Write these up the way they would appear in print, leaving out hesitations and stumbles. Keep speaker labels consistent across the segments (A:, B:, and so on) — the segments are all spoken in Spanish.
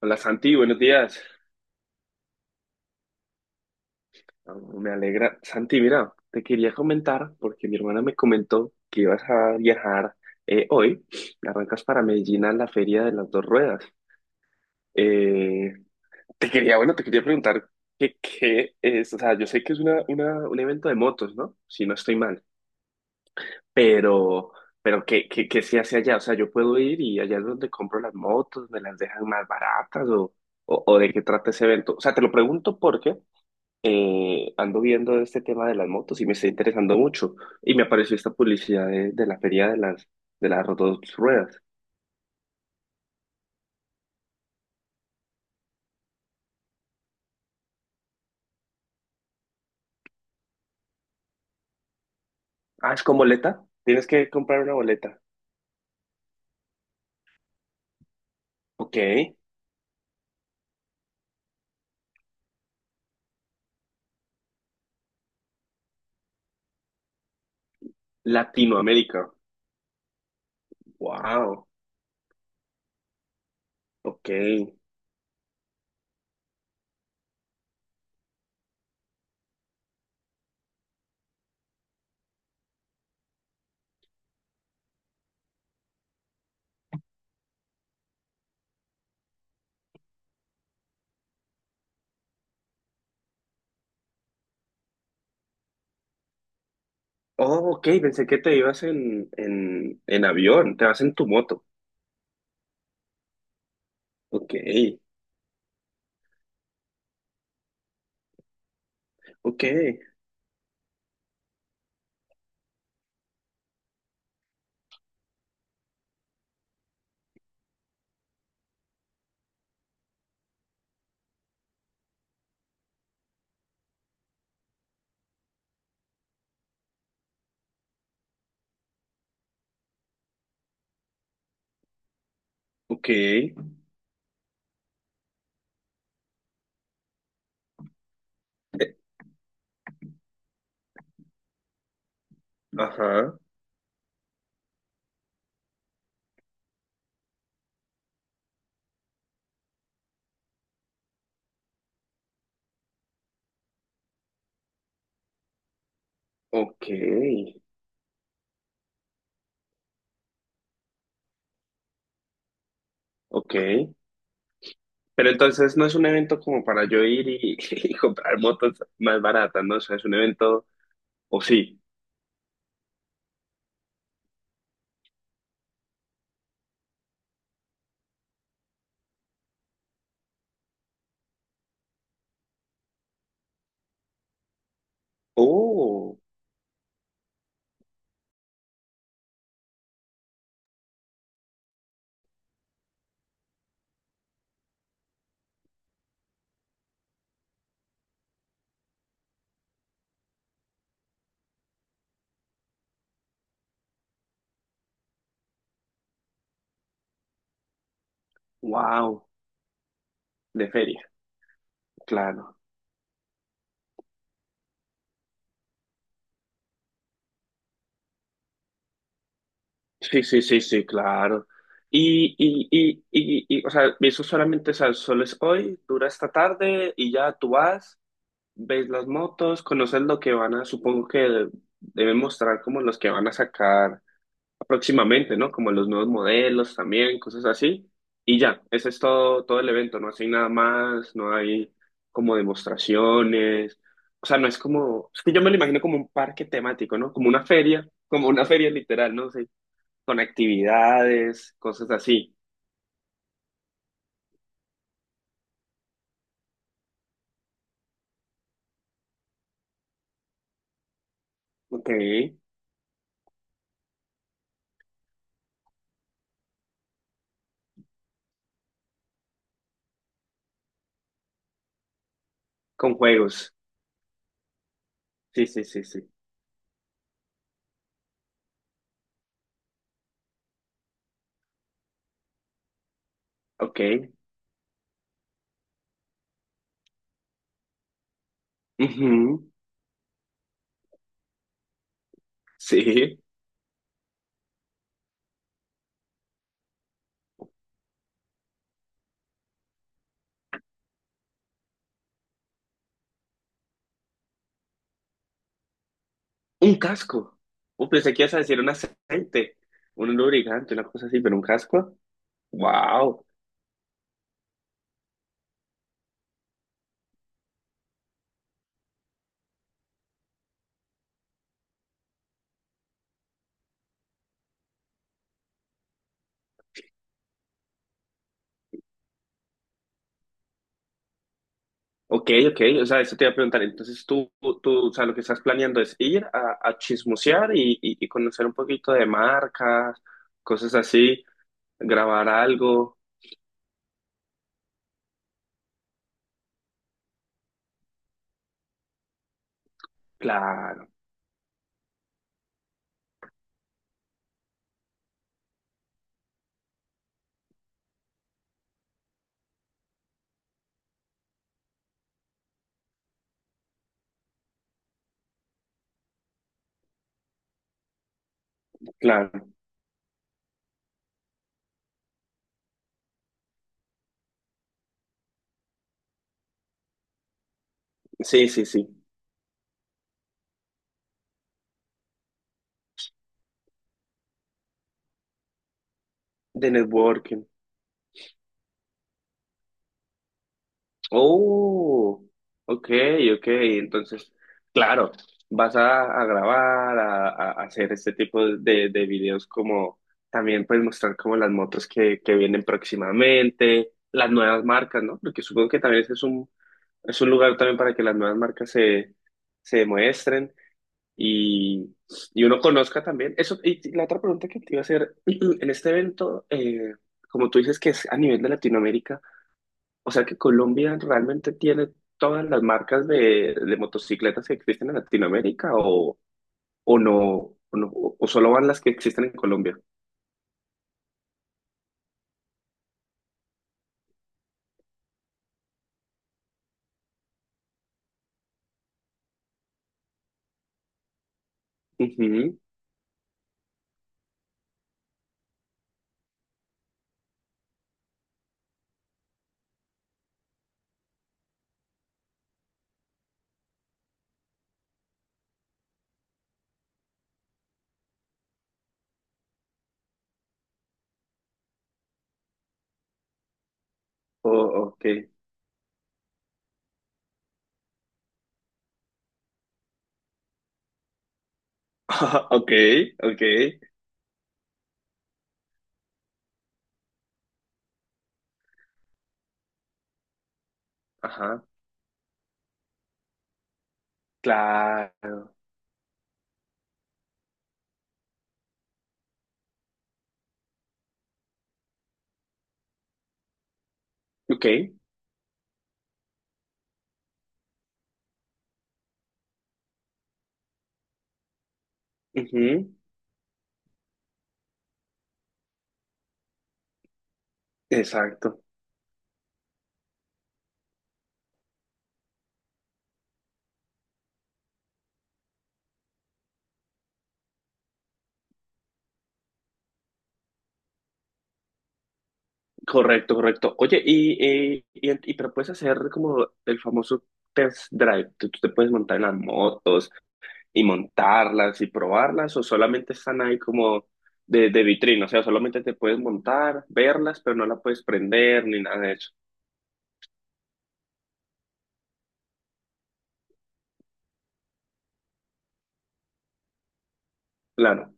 A: Hola Santi, buenos días. Oh, me alegra. Santi, mira, te quería comentar porque mi hermana me comentó que ibas a viajar hoy. Arrancas para Medellín a la Feria de las Dos Ruedas. Eh, te quería, bueno, te quería preguntar qué es, o sea, yo sé que es un evento de motos, ¿no? Si no estoy mal, pero, pero qué se hace allá? O sea, yo puedo ir y allá es donde compro las motos, me las dejan más baratas o, o de qué trata ese evento. O sea, te lo pregunto porque... ando viendo este tema de las motos y me está interesando mucho. Y me apareció esta publicidad de la feria de las dos ruedas. Ah, es con boleta. Tienes que comprar una boleta. Ok. Latinoamérica. Wow. Ok. Oh, ok. Pensé que te ibas en avión. Te vas en tu moto. Ok. Ok. Ok. Ajá. Ok. Ok. Pero entonces no es un evento como para yo ir y, y comprar motos más baratas, ¿no? O sea, es un evento, o sí. Oh, wow, de feria, claro. Sí, sí, sí, sí, claro. Y, o sea, eso solamente, o sea, solo es hoy, dura esta tarde y ya tú vas, ves las motos, conoces lo que van a, supongo que deben mostrar como los que van a sacar próximamente, ¿no? Como los nuevos modelos también, cosas así. Y ya, ese es todo, todo el evento, no hay nada más, no hay como demostraciones, o sea, no es como, es que yo me lo imagino como un parque temático, ¿no? Como una feria literal, ¿no? Sí, con actividades, cosas así, ok, con juegos, sí, sí, sí, sí, ok, ujú, sí, un casco, pensé que ibas a decir un aceite, un lubricante, una cosa así, pero un casco. Wow. Ok, ok, o sea, eso te iba a preguntar. Entonces tú, o sea, lo que estás planeando es ir a chismosear y conocer un poquito de marcas, cosas así, grabar algo. Claro, claro. Sí, sí, sí. De networking. Oh, ok, ok. Entonces, claro, vas a grabar, a hacer este tipo de videos como también puedes mostrar como las motos que vienen próximamente, las nuevas marcas, ¿no? Porque supongo que también ese es un. Es un lugar también para que las nuevas marcas se, se muestren y, y uno conozca también. Eso, y la otra pregunta que te iba a hacer, en este evento, como tú dices que es a nivel de Latinoamérica, o sea que Colombia realmente tiene todas las marcas de motocicletas que existen en Latinoamérica o no, o no, o solo van las que existen en Colombia. Ujú. Oh, ok. Ok, ok. Ajá. Claro. Ok. Ujú, exacto. Correcto, correcto. Oye, pero puedes hacer como el famoso test drive. Tú te puedes montar en las motos y montarlas y probarlas, o solamente están ahí como de vitrina. O sea, solamente te puedes montar, verlas, pero no la puedes prender ni nada de eso. Claro.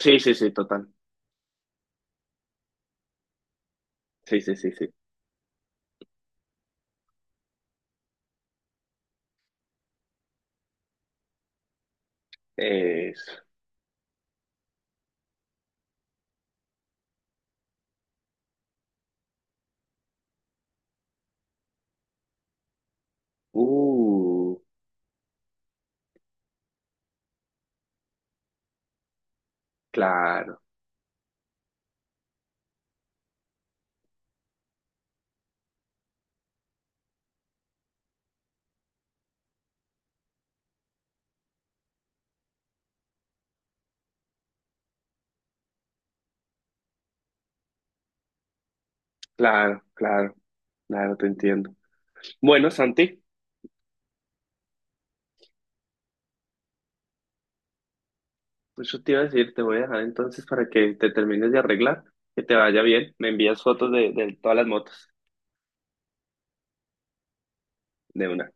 A: Sí, sí, sí, total. Sí, sí, sí, sí. Es. Uh, claro, claro, claro, claro, te entiendo. Bueno, Santi. Pues yo te iba a decir, te voy a dejar entonces para que te termines de arreglar, que te vaya bien. Me envías fotos de todas las motos de una.